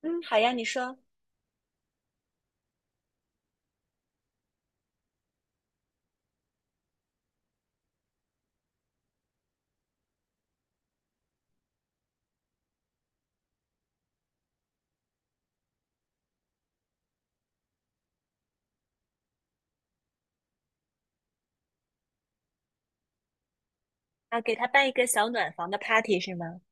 嗯，好呀，你说啊，给他办一个小暖房的 party 是吗？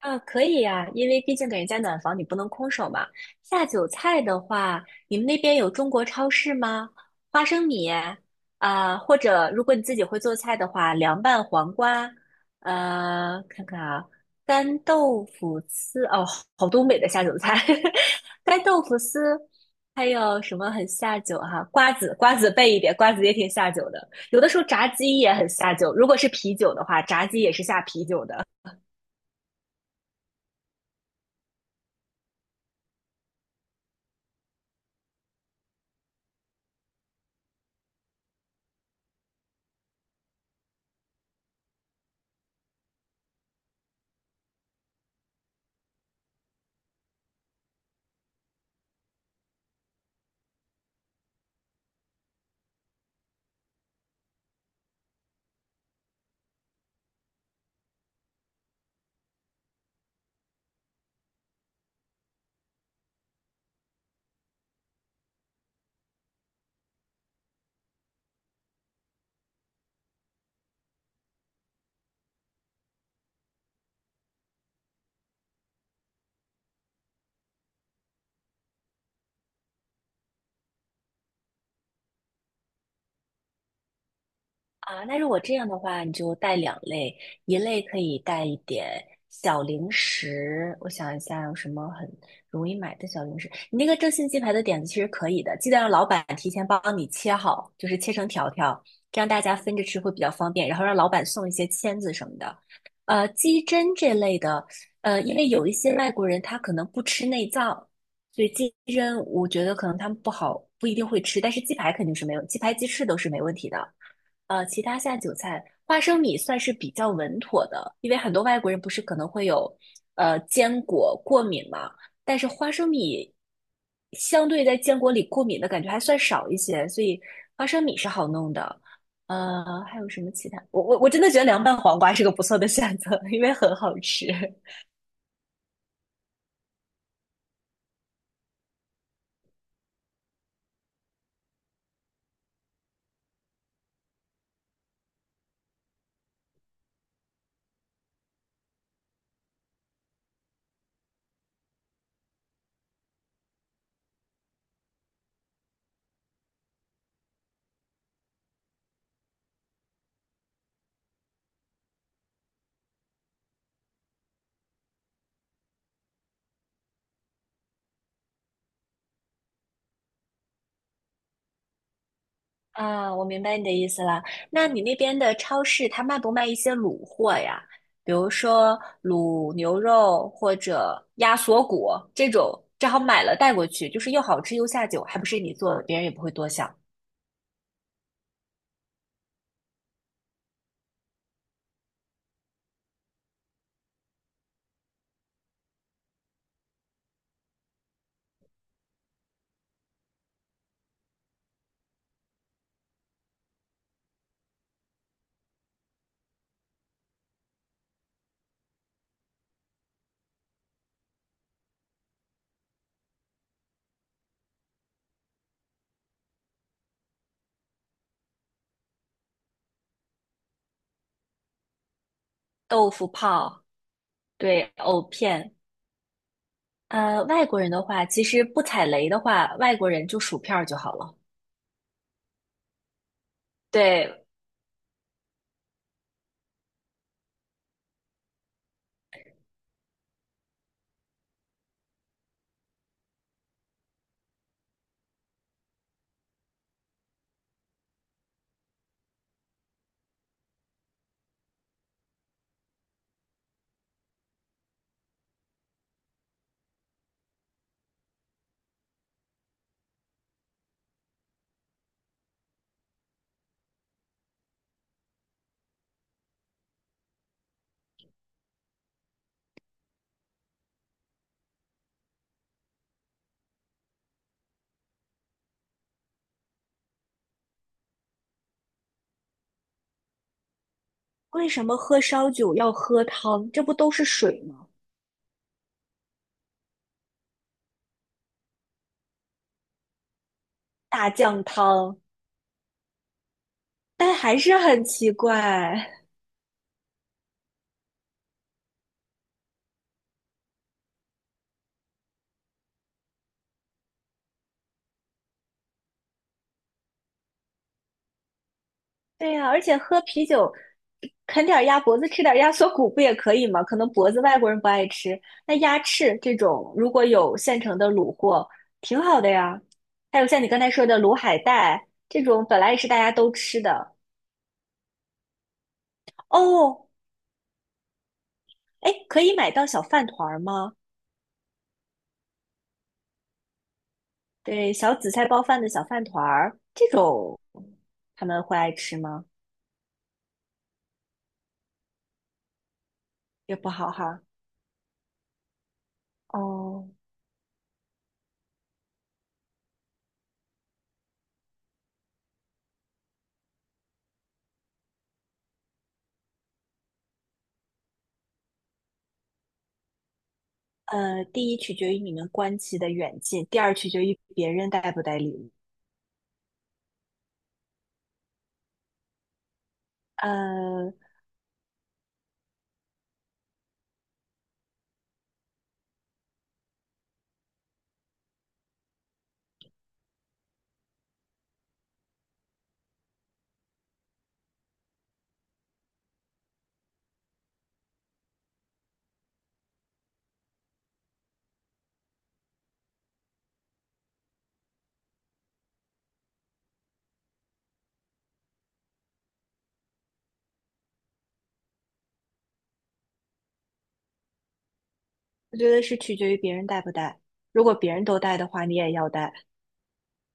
啊，可以呀，因为毕竟给人家暖房，你不能空手嘛。下酒菜的话，你们那边有中国超市吗？花生米啊，或者如果你自己会做菜的话，凉拌黄瓜，看看啊，干豆腐丝，哦，好东北的下酒菜，干豆腐丝，还有什么很下酒哈、瓜子，瓜子备一点，瓜子也挺下酒的。有的时候炸鸡也很下酒，如果是啤酒的话，炸鸡也是下啤酒的。啊，那如果这样的话，你就带两类，一类可以带一点小零食，我想一下有什么很容易买的小零食。你那个正新鸡排的点子其实可以的，记得让老板提前帮你切好，就是切成条条，这样大家分着吃会比较方便。然后让老板送一些签子什么的。鸡胗这类的，因为有一些外国人他可能不吃内脏，所以鸡胗我觉得可能他们不好，不一定会吃，但是鸡排肯定是没有，鸡排鸡翅都是没问题的。其他下酒菜，花生米算是比较稳妥的，因为很多外国人不是可能会有坚果过敏嘛，但是花生米相对在坚果里过敏的感觉还算少一些，所以花生米是好弄的。还有什么其他？我真的觉得凉拌黄瓜是个不错的选择，因为很好吃。啊，我明白你的意思了。那你那边的超市，它卖不卖一些卤货呀？比如说卤牛肉或者鸭锁骨这种，正好买了带过去，就是又好吃又下酒，还不是你做的，别人也不会多想。豆腐泡，对，藕片。外国人的话，其实不踩雷的话，外国人就薯片儿就好了。对，为什么喝烧酒要喝汤？这不都是水吗？大酱汤，但还是很奇怪。对呀，而且喝啤酒，啃点儿鸭脖子，吃点儿鸭锁骨不也可以吗？可能脖子外国人不爱吃，那鸭翅这种如果有现成的卤货，挺好的呀。还有像你刚才说的卤海带，这种本来也是大家都吃的。哦，哎，可以买到小饭团儿吗？对，小紫菜包饭的小饭团儿，这种他们会爱吃吗？也不好哈。哦，第一取决于你们关系的远近，第二取决于别人带不带礼物。呃，我觉得是取决于别人带不带。如果别人都带的话，你也要带。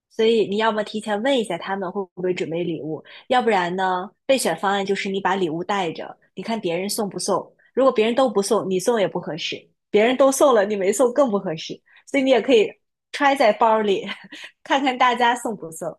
所以你要么提前问一下他们会不会准备礼物，要不然呢，备选方案就是你把礼物带着，你看别人送不送。如果别人都不送，你送也不合适；别人都送了，你没送更不合适。所以你也可以揣在包里，看看大家送不送。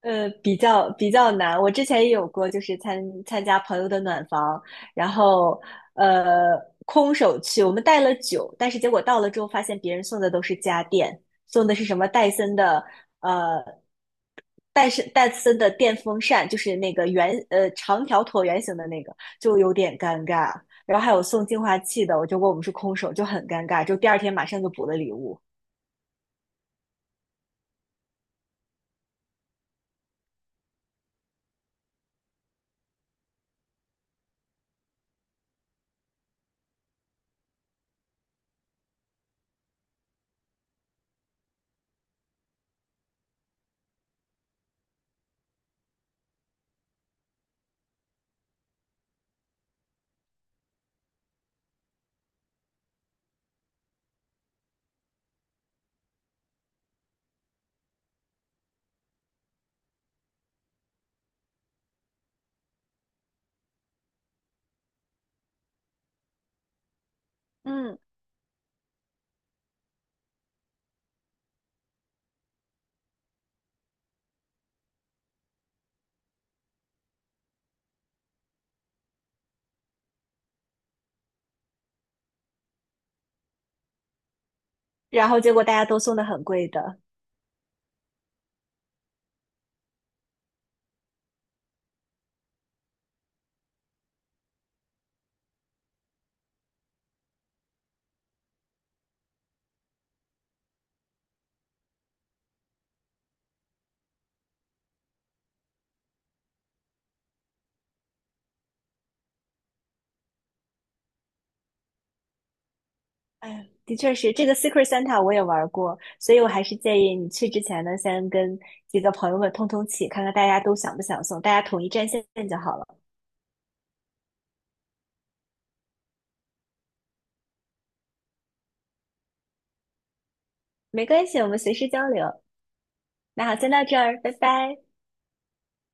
比较难。我之前也有过，就是参加朋友的暖房，然后呃空手去，我们带了酒，但是结果到了之后发现别人送的都是家电，送的是什么戴森的呃电风扇，就是那个圆长条椭圆形的那个，就有点尴尬。然后还有送净化器的，我就问我们是空手，就很尴尬，就第二天马上就补了礼物。嗯，然后结果大家都送的很贵的，哎，的确是这个 Secret Santa 我也玩过，所以我还是建议你去之前呢，先跟几个朋友们通通气，看看大家都想不想送，大家统一战线就好了。没关系，我们随时交流。那好，先到这儿，拜拜。